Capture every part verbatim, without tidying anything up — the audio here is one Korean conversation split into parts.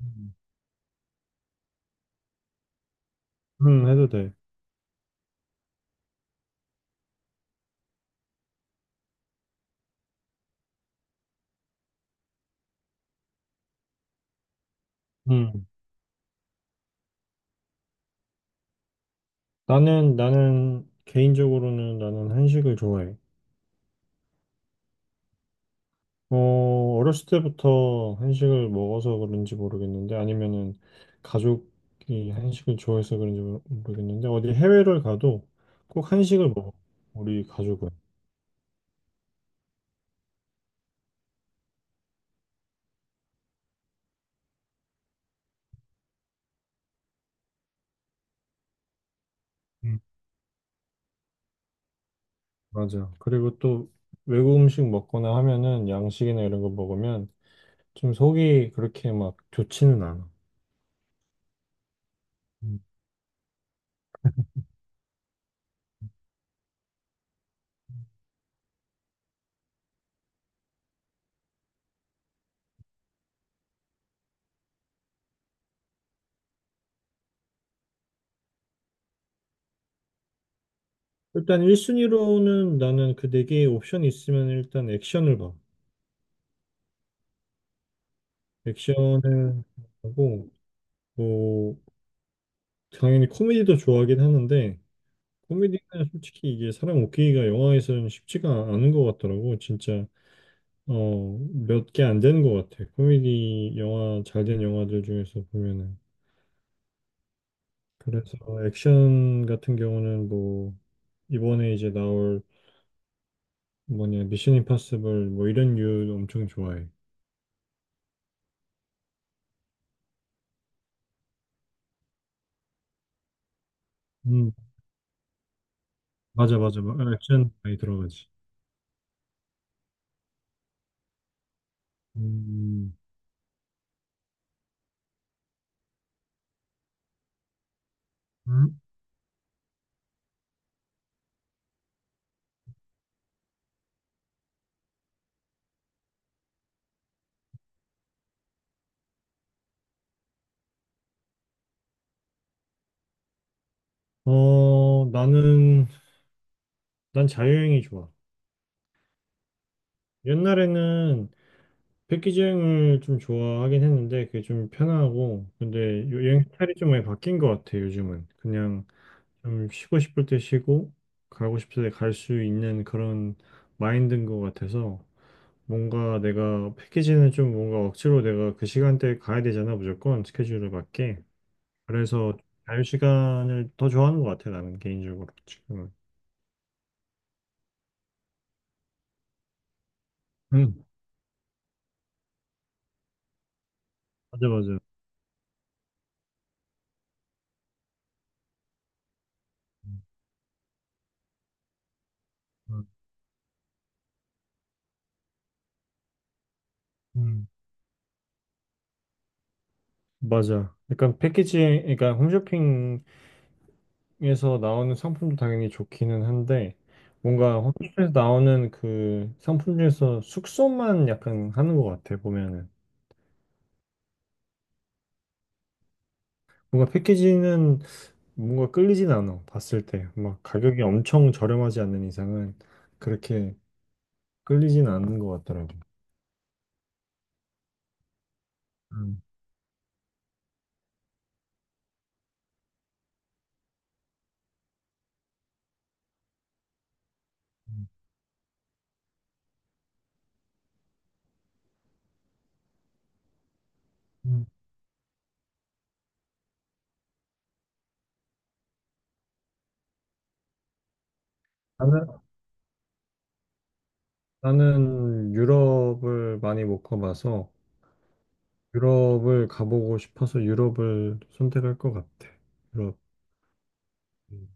음, 음, 해도 돼. 음. 나는, 나는, 개인적으로는 나는 한식을 좋아해. 어, 어렸을 때부터 한식을 먹어서 그런지 모르겠는데, 아니면은 가족이 한식을 좋아해서 그런지 모르- 모르겠는데, 어디 해외를 가도 꼭 한식을 먹어. 우리 가족은. 음, 맞아. 그리고 또 외국 음식 먹거나 하면은 양식이나 이런 거 먹으면 좀 속이 그렇게 막 좋지는 않아. 일단 일 순위로는 나는 그 네 개의 옵션이 있으면 일단 액션을 봐. 액션을 하고, 뭐, 당연히 코미디도 좋아하긴 하는데, 코미디는 솔직히 이게 사람 웃기기가 영화에서는 쉽지가 않은 것 같더라고. 진짜, 어, 몇 개 안 되는 것 같아. 코미디 영화, 잘 된 영화들 중에서 보면은. 그래서 액션 같은 경우는 뭐, 이번에 이제 나올 뭐냐, 미션 임파서블 뭐 이런 류 엄청 좋아해. 음, 맞아, 맞아. 막 액션 많이 들어가지. 음, 음? 어, 나는, 난 자유여행이 좋아. 옛날에는 패키지 여행을 좀 좋아하긴 했는데, 그게 좀 편하고, 근데 요- 여행 스타일이 좀 많이 바뀐 것 같아, 요즘은. 그냥 좀 쉬고 싶을 때 쉬고, 가고 싶을 때 갈 수 있는 그런 마인드인 것 같아서, 뭔가 내가 패키지는 좀 뭔가 억지로 내가 그 시간대에 가야 되잖아, 무조건 스케줄에 맞게. 그래서 자유 시간을 더 좋아하는 것 같아 나는 개인적으로 지금은. 음. 맞아 맞아. 음, 음. 맞아. 약간 패키지, 그러니까 홈쇼핑에서 나오는 상품도 당연히 좋기는 한데, 뭔가 홈쇼핑에서 나오는 그 상품 중에서 숙소만 약간 하는 것 같아, 보면은. 뭔가 패키지는 뭔가 끌리진 않아, 봤을 때. 막 가격이 엄청 저렴하지 않는 이상은 그렇게 끌리진 않는 것 같더라고. 음. 음. 나는 유럽을 많이 못 가봐서 유럽을 가보고 싶어서 유럽을 선택할 것 같아. 유럽. 음.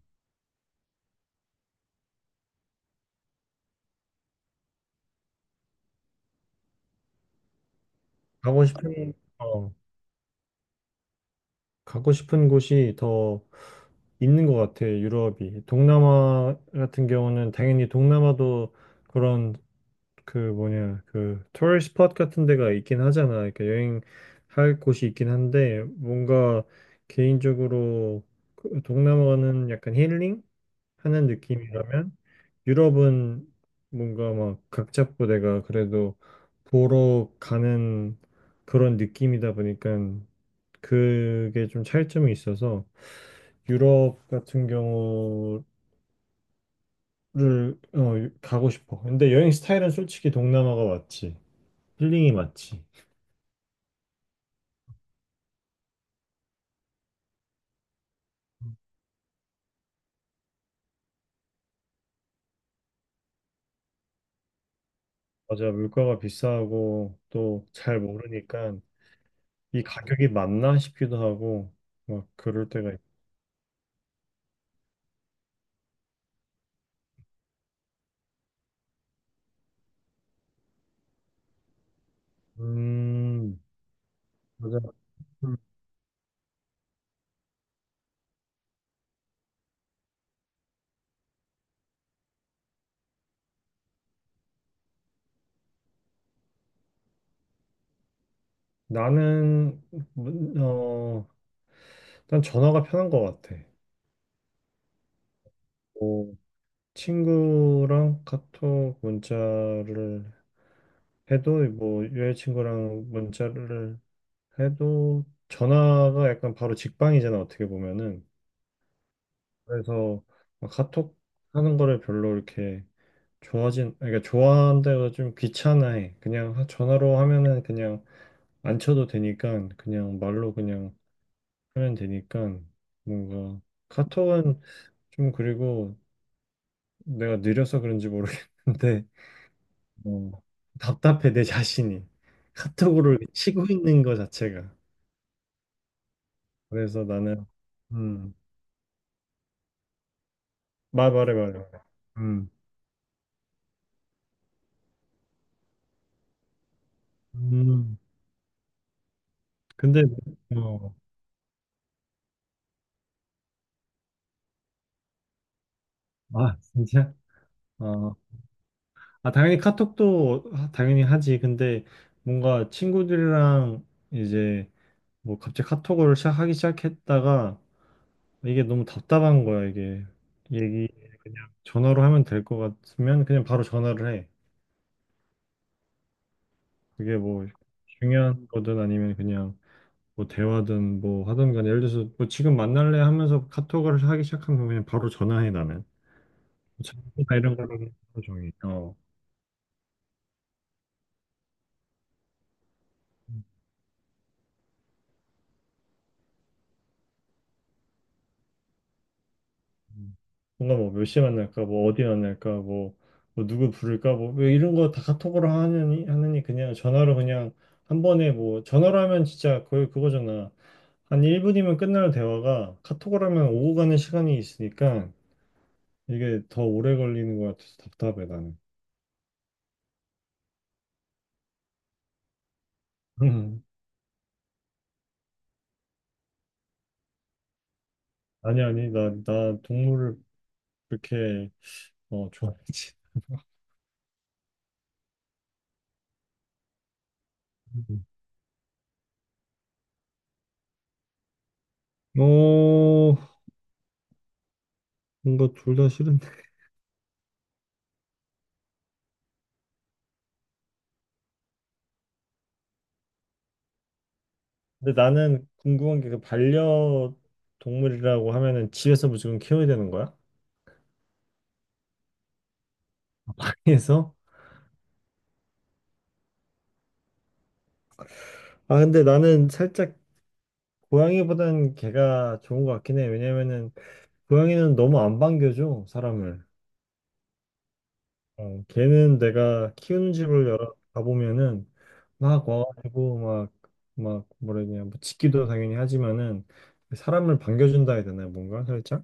가고 싶은, 어, 가고 싶은 곳이 더 있는 것 같아, 유럽이. 동남아 같은 경우는 당연히 동남아도 그런 그 뭐냐, 그 토리스트 스팟 같은 데가 있긴 하잖아. 그러니까 여행할 곳이 있긴 한데 뭔가 개인적으로 그 동남아는 약간 힐링? 하는 느낌이라면 유럽은 뭔가 막 각 잡고 내가 그래도 보러 가는 그런 느낌이다 보니까 그게 좀 차이점이 있어서 유럽 같은 경우를 어, 가고 싶어. 근데 여행 스타일은 솔직히 동남아가 맞지. 힐링이 맞지. 맞아, 물가가 비싸고 또 잘 모르니까 이 가격이 맞나 싶기도 하고 막 그럴 때가 있 음, 맞아. 나는 어 일단 전화가 편한 것 같아. 뭐 친구랑 카톡 문자를 해도 뭐 여자친구랑 문자를 해도 전화가 약간 바로 직방이잖아 어떻게 보면은. 그래서 막 카톡 하는 거를 별로 이렇게 좋아진 그러니까 좋아한다고 좀 귀찮아해. 그냥 하- 전화로 하면은 그냥 안 쳐도 되니까 그냥 말로 그냥 하면 되니까 뭔가. 카톡은 좀 그리고 내가 느려서 그런지 모르겠는데 어, 답답해 내 자신이 카톡으로 치고 있는 거 자체가 그래서 나는 음, 말 말해 말해 음, 음 근데 어, 아 진짜 어, 아 당연히 카톡도 하- 당연히 하지 근데 뭔가 친구들이랑 이제 뭐 갑자기 카톡을 시작하기 시작했다가 이게 너무 답답한 거야 이게 얘기 전화로 하면 될 것 같으면 그냥 바로 전화를 해 그게 뭐 중요한 거든 아니면 그냥 뭐 대화든 뭐 하든 간에 예를 들어서 뭐 지금 만날래 하면서 카톡을 하기 시작하면 그냥 바로 전화해 나는 다 이런 거는 하해 종일 어 음. 뭔가 뭐 몇 시에 만날까 뭐 어디 만날까 뭐, 뭐 누구 부를까 뭐왜 이런 거 다 카톡으로 하느니 하느니 그냥 전화로 그냥 한 번에 뭐 전화로 하면 진짜 거의 그거잖아 한 일 분이면 끝날 대화가 카톡으로 하면 오고 가는 시간이 있으니까 이게 더 오래 걸리는 것 같아서 답답해 나는 음. 아니, 아니, 나, 나 동물을 그렇게, 어, 좋아하지. 음. 어, 뭔가 둘 다 싫은데. 근데 나는 궁금한 게 그 반려동물이라고 하면은 집에서 무조건 키워야 되는 거야? 그래서? 아, 근데 나는 살짝 고양이보단 개가 좋은 것 같긴 해. 왜냐면은 고양이는 너무 안 반겨줘, 사람을. 어, 걔는 내가 키우는 집을 여러 가보면은 막 와가지고 막 막 뭐라 해야 되냐 뭐 짖기도 당연히 하지만은 사람을 반겨준다 해야 되나 뭔가 살짝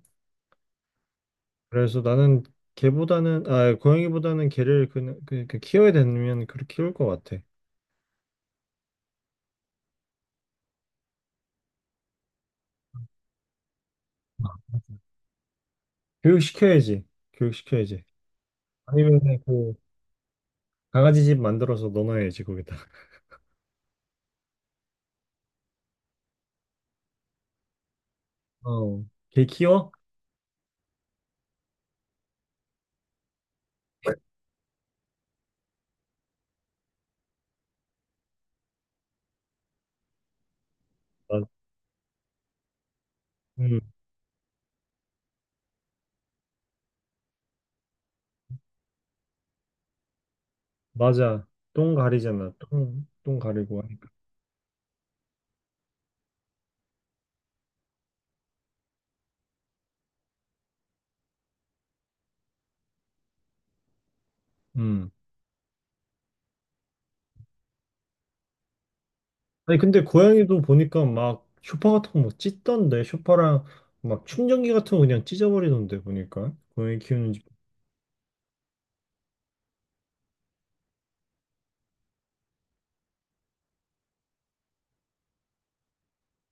그래서 나는 걔보다는 아 고양이보다는 걔를 그, 그, 그 키워야 되면 그렇게 키울 것 같아 교육시켜야지 교육시켜야지 아니면 그 강아지 집 만들어서 넣어놔야지 거기다 어걔 키워? 맞, 음 맞아 똥 가리잖아 똥 똥 가리고 하니까 음. 아니 근데 고양이도 보니까 막 쇼파 같은 거 막 찢던데 쇼파랑 막 충전기 같은 거 그냥 찢어버리던데 보니까 고양이 키우는 집.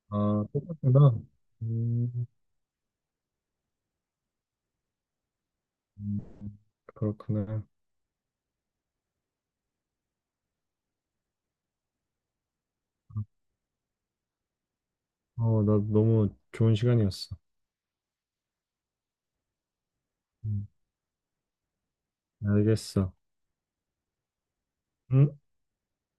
아 똑같구나. 음, 음, 그렇구나. 어, 나 너무 좋은 시간이었어. 음, 알겠어. 음.